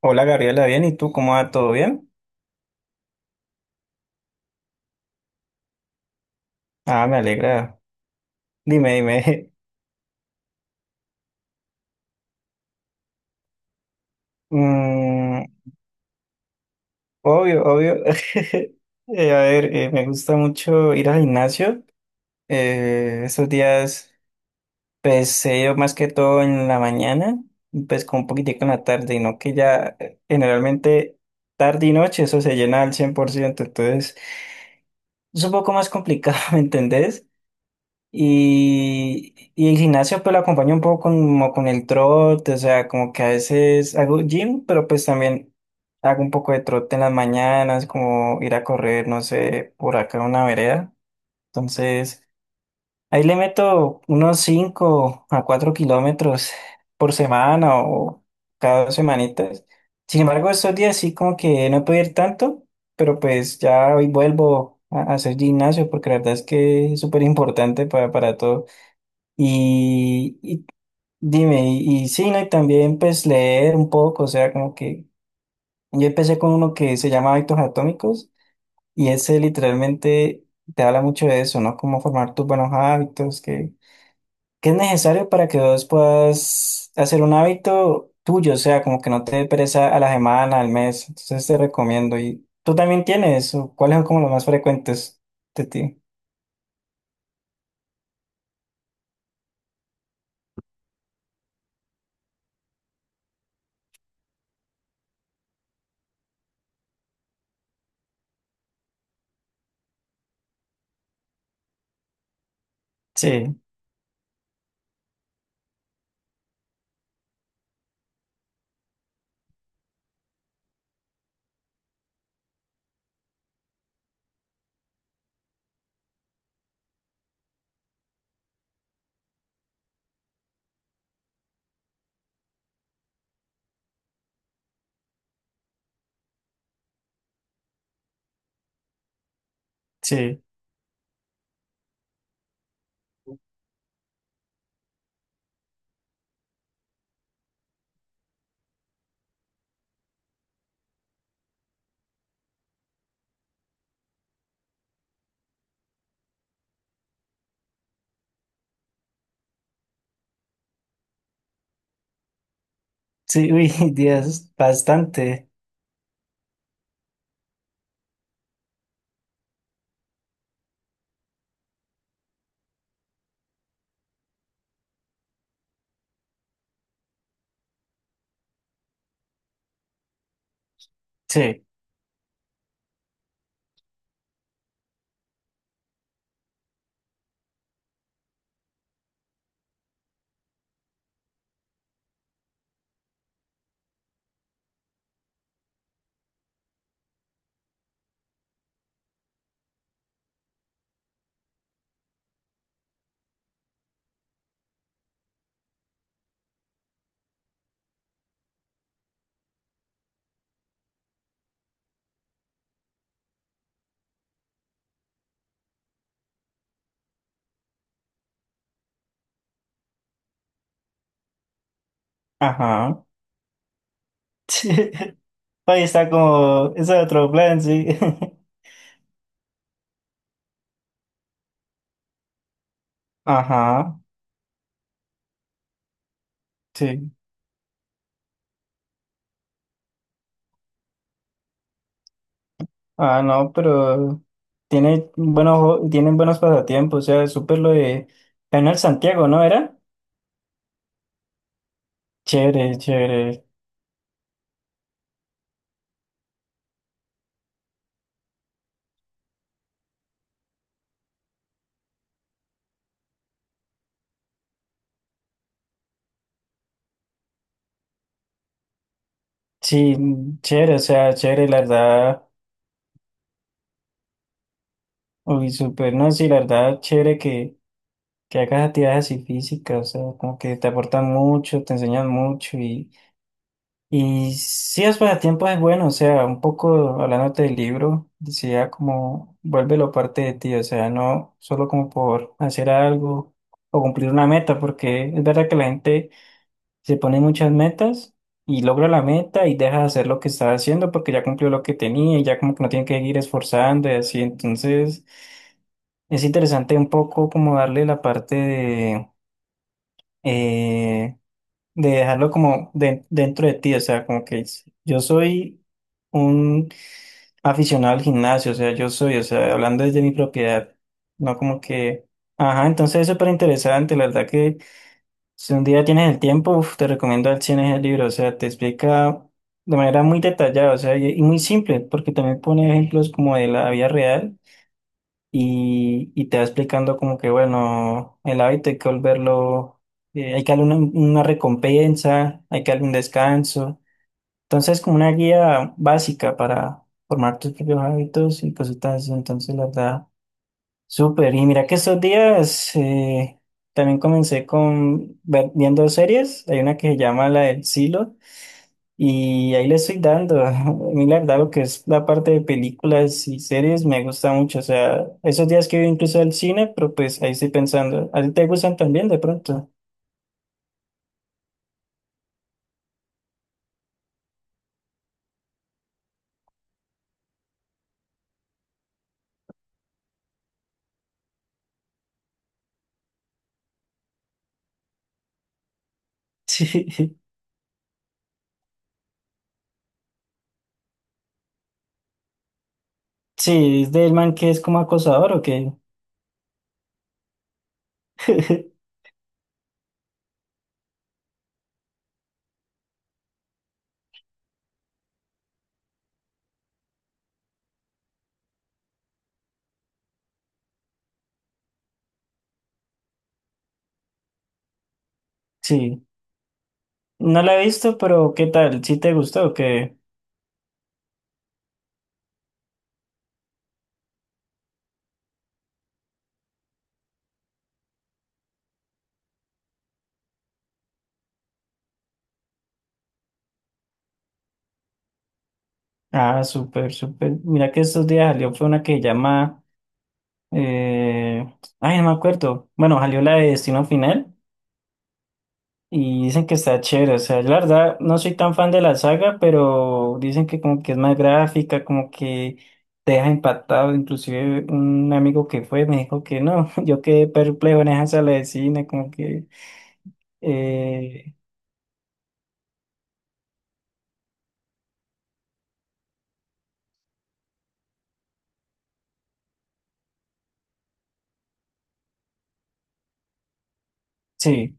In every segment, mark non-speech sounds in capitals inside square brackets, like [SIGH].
Hola Gabriela, bien, ¿y tú cómo va? ¿Todo bien? Ah, me alegra. Dime, dime. [LAUGHS] Mm, obvio, obvio. [LAUGHS] A ver, me gusta mucho ir al gimnasio. Estos días, pues he ido más que todo en la mañana, y, pues con un poquitico en la tarde, y no que ya generalmente tarde y noche eso se llena al 100%. Entonces es un poco más complicado, [LAUGHS] ¿me entendés? Y el gimnasio pues lo acompaña un poco como con el trote, o sea, como que a veces hago gym, pero pues también hago un poco de trote en las mañanas, como ir a correr, no sé, por acá en una vereda. Entonces, ahí le meto unos 5 a 4 kilómetros por semana o cada 2 semanitas. Sin embargo, estos días sí como que no puedo ir tanto, pero pues ya hoy vuelvo a hacer gimnasio porque la verdad es que es súper importante para todo. Y dime, y sí, ¿no? Y también pues leer un poco, o sea, como que yo empecé con uno que se llama Hábitos Atómicos y ese literalmente te habla mucho de eso, ¿no? Cómo formar tus buenos hábitos, que es necesario para que vos puedas hacer un hábito tuyo, o sea, como que no te dé pereza a la semana, al mes. Entonces te recomiendo. ¿Y tú también tienes? ¿O cuáles son como los más frecuentes de ti? Sí, sí, sí, uy, [LAUGHS] Dios, bastante. Sí, ajá. Sí. Ahí está como, ese otro plan, sí. [LAUGHS] Ajá, sí. Ah, no, pero tienen buenos pasatiempos, o sea, súper lo de Leonel Santiago, ¿no era? Chévere, chévere. Sí, chévere, o sea, chévere, la verdad. Uy, súper, no, sí, la verdad, chévere que hagas actividades así físicas, o sea, como que te aportan mucho, te enseñan mucho. Y sí, los pasatiempos es bueno, o sea, un poco hablándote del libro, decía como vuélvelo parte de ti, o sea, no solo como por hacer algo o cumplir una meta, porque es verdad que la gente se pone muchas metas y logra la meta y deja de hacer lo que estaba haciendo porque ya cumplió lo que tenía y ya como que no tiene que seguir esforzando y así, entonces es interesante un poco como darle la parte eh, de dejarlo como dentro de ti, o sea, como que yo soy un aficionado al gimnasio, o sea, yo soy, o sea, hablando desde mi propiedad, no como que, ajá, entonces es súper interesante, la verdad que si un día tienes el tiempo, uf, te recomiendo al 100 ese libro, o sea, te explica de manera muy detallada, o sea, y muy simple, porque también pone ejemplos como de la vida real y te va explicando como que, bueno, el hábito hay que volverlo, hay que darle una recompensa, hay que darle un descanso. Entonces, como una guía básica para formar tus propios hábitos y cositas así. Entonces, la verdad, súper. Y mira que estos días también comencé con viendo series. Hay una que se llama La del Silo. Y ahí le estoy dando. [LAUGHS] A mí, la verdad, lo que es la parte de películas y series me gusta mucho. O sea, esos días que voy incluso al cine, pero pues ahí estoy pensando. ¿A ti te gustan también de pronto? [LAUGHS] Sí. Sí, es del man que es como acosador o qué. [LAUGHS] Sí, no la he visto, pero ¿qué tal? ¿Sí te gustó o qué? Ah, súper, súper. Mira que estos días salió, fue una que llama. eh, Ay, no me acuerdo. Bueno, salió la de Destino Final. Y dicen que está chévere, o sea, yo la verdad no soy tan fan de la saga, pero dicen que como que es más gráfica, como que te deja impactado, inclusive un amigo que fue me dijo que no, [LAUGHS] yo quedé perplejo en esa sala de cine, como que, eh, sí,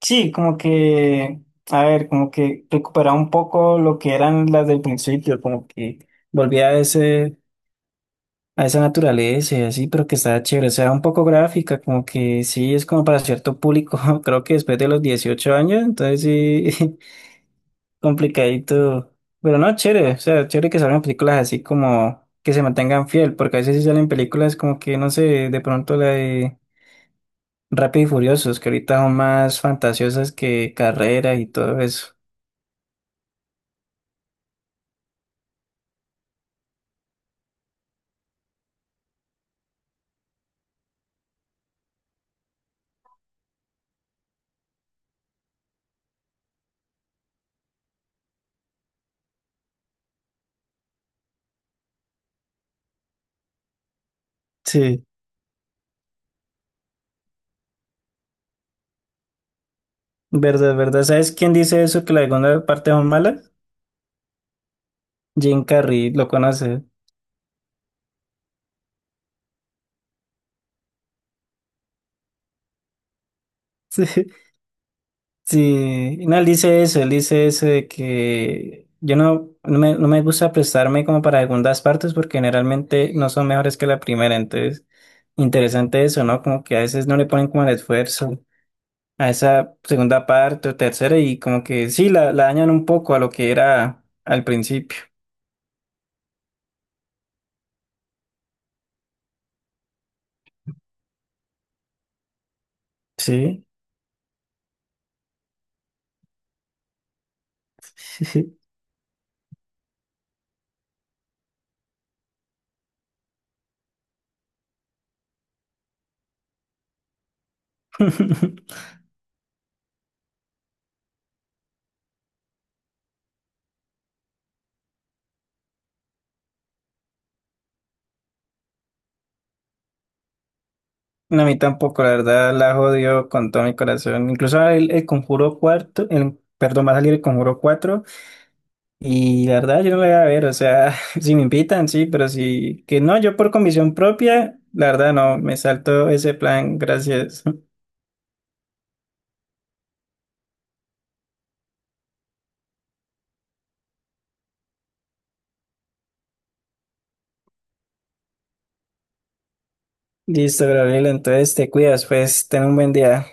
sí, como que, a ver, como que recuperaba un poco lo que eran las del principio, como que volvía a ese a esa naturaleza y así, pero que está chévere, o sea, un poco gráfica, como que sí, es como para cierto público, [LAUGHS] creo que después de los 18 años, entonces sí, [LAUGHS] complicadito, pero no, chévere, o sea, chévere que salgan películas así como que se mantengan fiel, porque a veces sí salen películas como que, no sé, de pronto la de Rápido y Furiosos, que ahorita son más fantasiosas que carreras y todo eso. Sí, verdad, verdad, ¿sabes quién dice eso, que la segunda parte son malas? Jim Carrey, lo conoce. [LAUGHS] Sí, no, él dice eso de que yo no, no me, gusta prestarme como para segundas partes porque generalmente no son mejores que la primera, entonces interesante eso, ¿no? Como que a veces no le ponen como el esfuerzo a esa segunda parte o tercera y como que sí, la dañan un poco a lo que era al principio. Sí, sí, sí. [LAUGHS] No, a mí tampoco, la verdad, la jodió con todo mi corazón. Incluso el Conjuro cuarto, perdón, va a salir el Conjuro cuatro. Y la verdad, yo no la voy a ver, o sea, [LAUGHS] si me invitan, sí, pero si que no, yo por convicción propia, la verdad no, me salto ese plan, gracias. [LAUGHS] Listo, Gabriel, entonces te cuidas, pues, ten un buen día.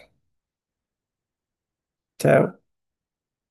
Chao.